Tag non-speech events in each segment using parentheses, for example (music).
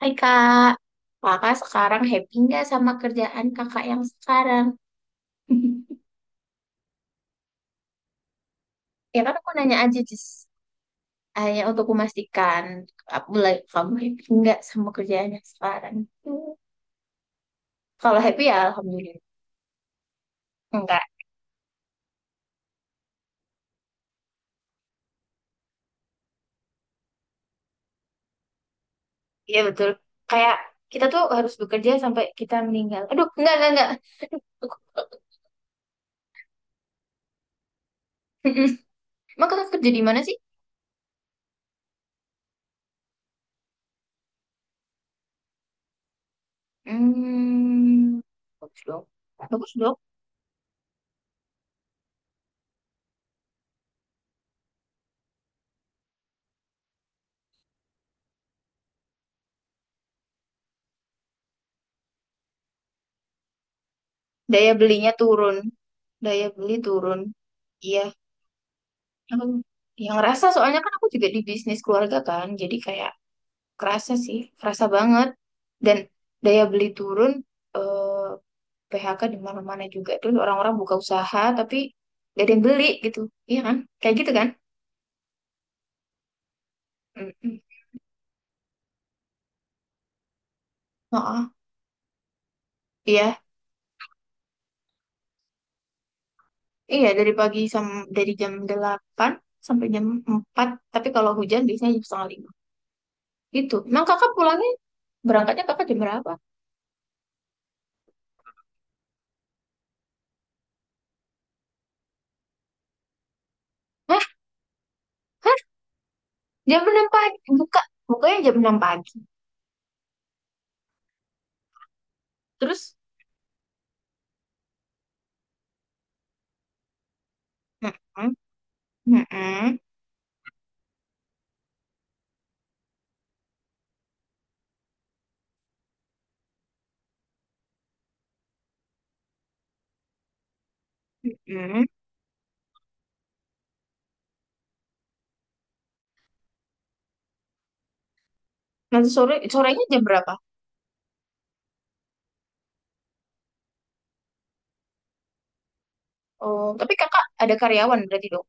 Hai kak, kakak sekarang happy nggak sama kerjaan kakak yang sekarang? (laughs) Ya kan aku nanya aja Jis, hanya untuk memastikan aku like, kamu happy nggak sama kerjaan yang sekarang? Hmm. Kalau happy ya alhamdulillah. Enggak, iya betul. Kayak kita tuh harus bekerja sampai kita meninggal. Aduh, enggak enggak. Aku- (laughs) Emang kakak kerja di mana sih? Hmm, bagus dong. Bagus dong. Daya belinya turun, daya beli turun. Iya, aku yang ngerasa soalnya kan aku juga di bisnis keluarga kan, jadi kayak kerasa sih, kerasa banget. Dan daya beli turun, eh, PHK di mana-mana juga. Tuh orang-orang buka usaha tapi gak ada yang beli gitu, iya kan? Kayak gitu kan? Mm-mm. Oh, iya, iya dari jam 8 sampai jam 4, tapi kalau hujan biasanya jam setengah lima. Gitu. Emang kakak pulangnya, berangkatnya kakak jam berapa? Hah? jam 6 pagi, buka, bukanya jam 6 pagi. Terus, mm-mm. Mm-mm, mm-mm. Nanti sore, sorenya jam berapa? Oh, tapi kakak ada karyawan berarti dong.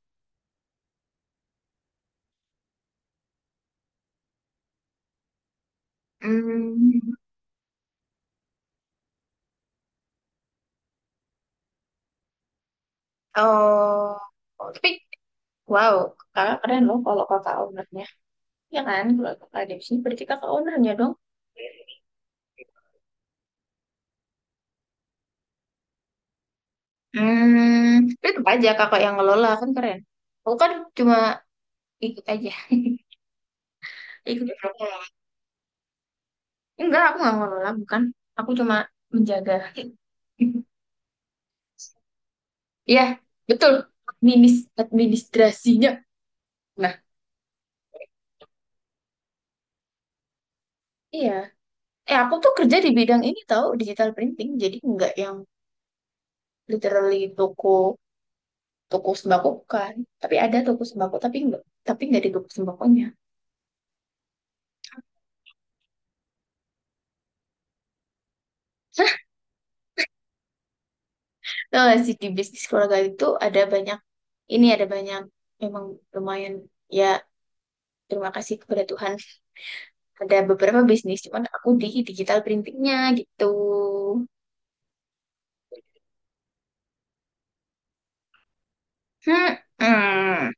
Hmm. Oh, oh, tapi wow, kakak keren loh kalau kakak ownernya. Ya kan, kalau kakak ada di sini berarti kakak ownernya dong. Hmm, tapi tetap aja kakak yang ngelola kan keren. Aku kan cuma ikut aja. (laughs) Ikut aja. Enggak, aku nggak ngelola, bukan. Aku cuma menjaga. (laughs) Iya, betul. Administ administrasinya. Nah, iya. Aku tuh kerja di bidang ini tahu digital printing. Jadi nggak yang literally toko toko sembako bukan. Tapi ada toko sembako tapi nggak di toko sembakonya. (laughs) Tahu nggak sih di bisnis keluarga itu ada banyak ini ada banyak memang lumayan ya, terima kasih kepada Tuhan, ada beberapa bisnis cuman aku di digital printingnya gitu. Hmm. Hmm.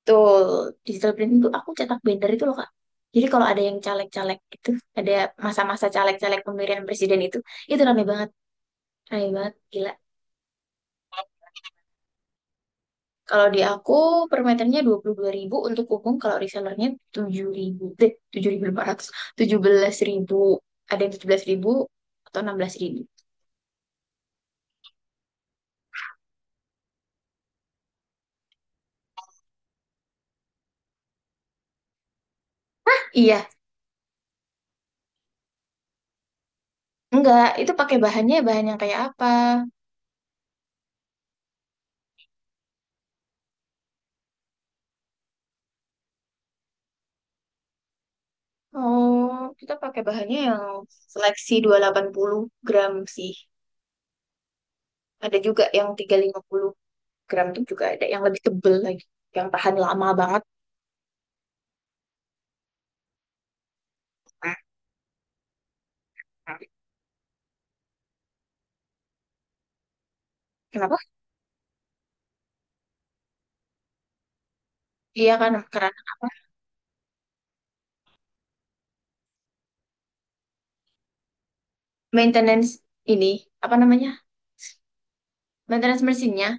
Betul, digital printing tuh aku cetak binder itu loh Kak. Jadi kalau ada yang caleg-caleg itu, ada masa-masa caleg-caleg pemilihan presiden itu rame banget, gila. Kalau di aku per meternya dua 22.000 untuk umum, kalau resellernya 7.000, 7.500, 17.000, ada yang 17.000 atau 16.000. Iya, enggak, itu pakai bahannya bahan yang kayak apa? Oh, kita pakai bahannya yang seleksi 280 gram sih. Ada juga yang 350 gram tuh juga, ada yang lebih tebel lagi, yang tahan lama banget. Nah, nah. Kenapa? Iya kan, karena maintenance ini, apa namanya, maintenance mesinnya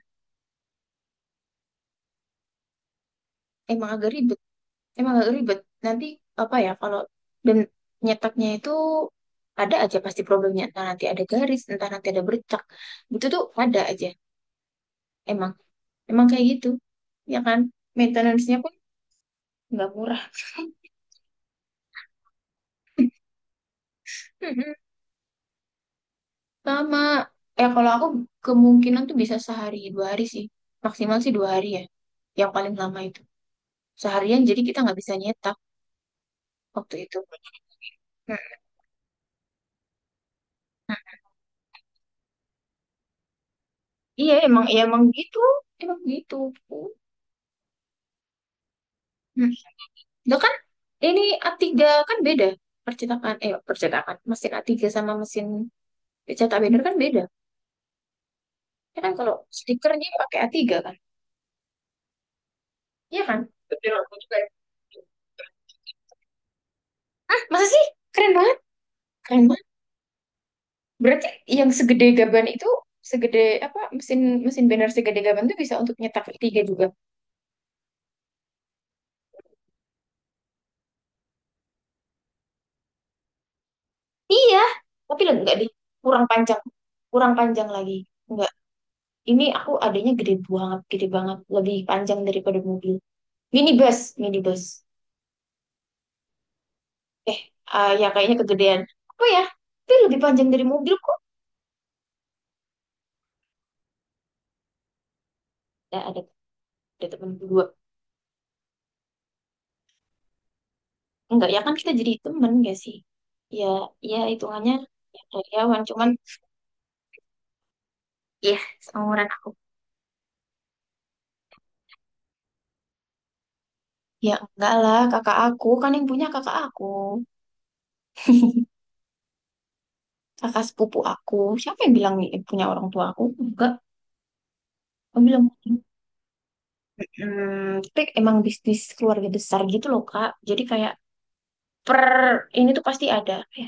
emang agak ribet. Emang agak ribet. Nanti, apa ya, kalau dan nyetaknya itu ada aja pasti problemnya. Entah nanti ada garis, entah nanti ada bercak. Itu tuh ada aja. Emang, emang kayak gitu. Ya kan? Maintenance-nya pun nggak murah. (laughs) Sama, ya kalau aku kemungkinan tuh bisa sehari dua hari sih. Maksimal sih dua hari ya. Yang paling lama itu. Seharian jadi kita nggak bisa nyetak waktu itu. mm iya emang gitu. Emang gitu. Hmm. Lah kan ini A3 kan beda. Percetakan, percetakan. Mesin A3 sama mesin cetak binder kan beda. Ya kan kalau stikernya pakai A3 kan. Iya kan? Betul, aku juga. Ya. Masa sih? Keren banget. Keren. Berarti yang segede gaban itu, segede apa, mesin mesin banner segede gaban itu bisa untuk nyetak tiga juga. Iya, tapi enggak deh, kurang panjang, kurang panjang lagi. Enggak, ini aku adanya gede banget, lebih panjang daripada mobil. Minibus, minibus. Eh, ya kayaknya kegedean. Apa ya? Tapi lebih panjang dari mobil kok. Ada, ada, ada temen berdua. Enggak, ya kan kita jadi temen gak sih? Ya, ya hitungannya ya karyawan, cuman ya seumuran. Ya enggak lah, kakak aku kan yang punya, kakak aku, kakak sepupu aku. Siapa yang bilang ini punya orang tua aku? Enggak, aku bilang hmm, tapi emang bisnis keluarga besar gitu loh kak. Jadi kayak per ini tuh pasti ada, ya,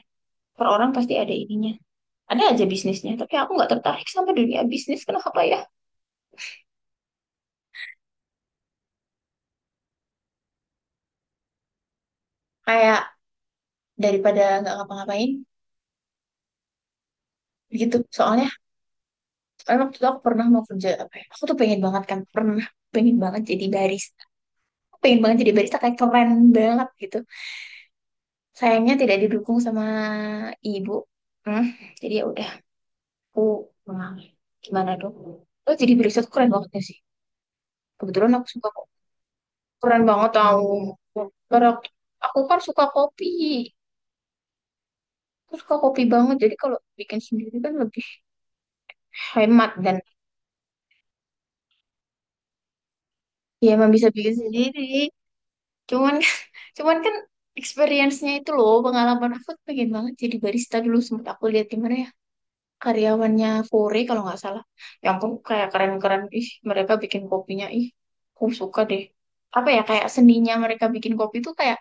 per orang pasti ada ininya. Ada aja bisnisnya, tapi aku nggak tertarik sama dunia bisnis. Kenapa ya? Kayak daripada nggak ngapa-ngapain gitu. Soalnya emang tuh aku pernah mau kerja apa ya? Aku tuh pengen banget kan, pernah pengen banget jadi barista. Pengen banget jadi barista kayak keren banget gitu. Sayangnya tidak didukung sama ibu. Hmm, jadi ya udah aku mengalir. Gimana dong? Oh, jadi Brisat tuh keren banget ya sih. Kebetulan aku suka kok. Keren banget tau. Karena aku kan suka kopi. Aku suka kopi banget. Jadi kalau bikin sendiri kan lebih hemat dan ya emang bisa bikin sendiri. Cuman (laughs) cuman kan experience-nya itu loh, pengalaman aku tuh pengen banget jadi barista, dulu sempat aku lihat di mana ya, karyawannya Kore kalau nggak salah. Yang ampun kayak keren-keren. Ih, mereka bikin kopinya. Ih, aku suka deh. Apa ya kayak seninya mereka bikin kopi tuh kayak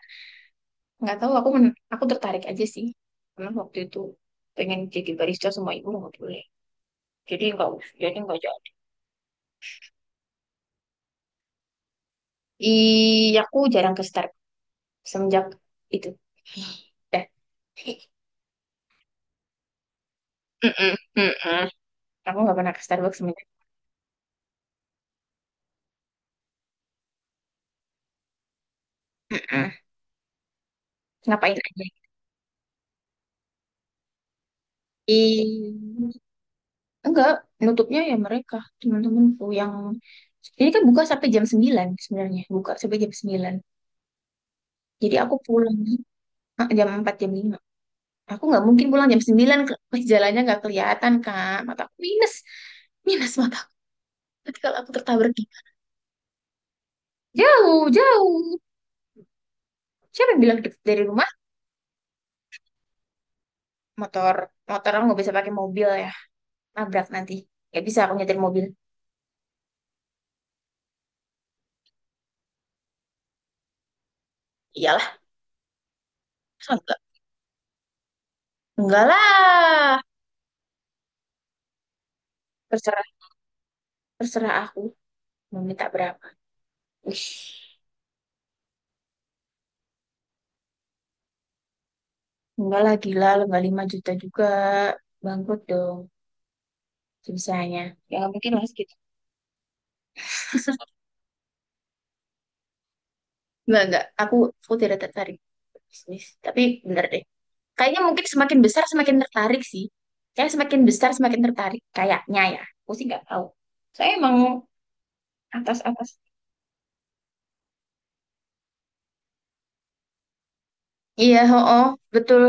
nggak tahu, aku aku tertarik aja sih. Karena waktu itu pengen jadi barista sama ibu nggak boleh. Jadi nggak jadi nggak jadi Ih, aku jarang ke Starbucks semenjak itu. Dah. Mm-mm, mm-mm. Aku nggak pernah ke Starbucks semenjak. Mm-mm. Ngapain aja? Ih. Enggak, nutupnya ya mereka, teman-temanku yang, jadi kan buka sampai jam 9 sebenarnya, buka sampai jam 9. Jadi aku pulang jam 4 jam 5. Aku nggak mungkin pulang jam 9 ke pas jalannya nggak kelihatan, Kak. Mataku minus. Minus mata. Nanti (laughs) kalau aku tertabrak gitu. Jauh, jauh. Siapa yang bilang deket dari rumah? Motor. Motor, aku nggak bisa pakai mobil ya. Nabrak nanti. Nggak bisa aku nyetir mobil. Iyalah, (laughs) masa enggak. Enggak lah. Terserah, terserah aku. Mau minta berapa. Wih. Enggak lah, gila. Lo nggak 5 juta juga. Bangkrut dong bisanya. Ya nggak mungkin lah segitu. Enggak, enggak. Aku tidak tertarik. Bisnis. Tapi bener deh. Kayaknya mungkin semakin besar semakin tertarik sih. Kayak semakin besar semakin tertarik. Kayaknya ya. Aku sih nggak tahu. Saya emang atas-atas. Iya, oh, betul.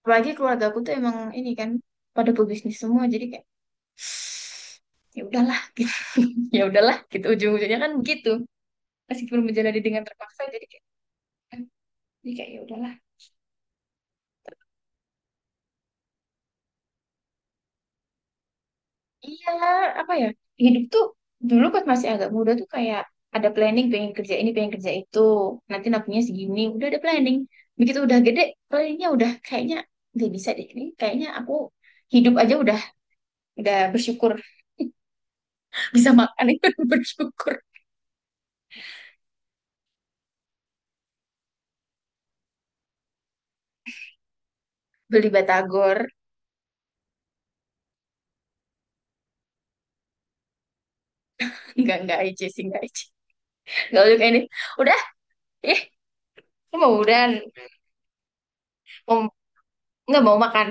Apalagi keluarga aku tuh emang ini kan pada pebisnis semua. Jadi kayak (sniffs) (sighs) ya udahlah gitu. (laughs) Ya udahlah gitu. Ujung-ujungnya kan begitu. Meskipun menjalani dengan terpaksa jadi kayak, ya udahlah. Iya, apa ya? Hidup tuh dulu pas masih agak muda tuh kayak ada planning pengen kerja ini, pengen kerja itu. Nanti nabungnya segini, udah ada planning. Begitu udah gede, planningnya udah kayaknya nggak bisa deh. Ini kayaknya aku hidup aja udah, bersyukur (laughs) bisa makan itu (laughs) bersyukur beli batagor, nggak aja sih, nggak aja, nggak boleh kayak ini udah eh mau udah mau nggak mau makan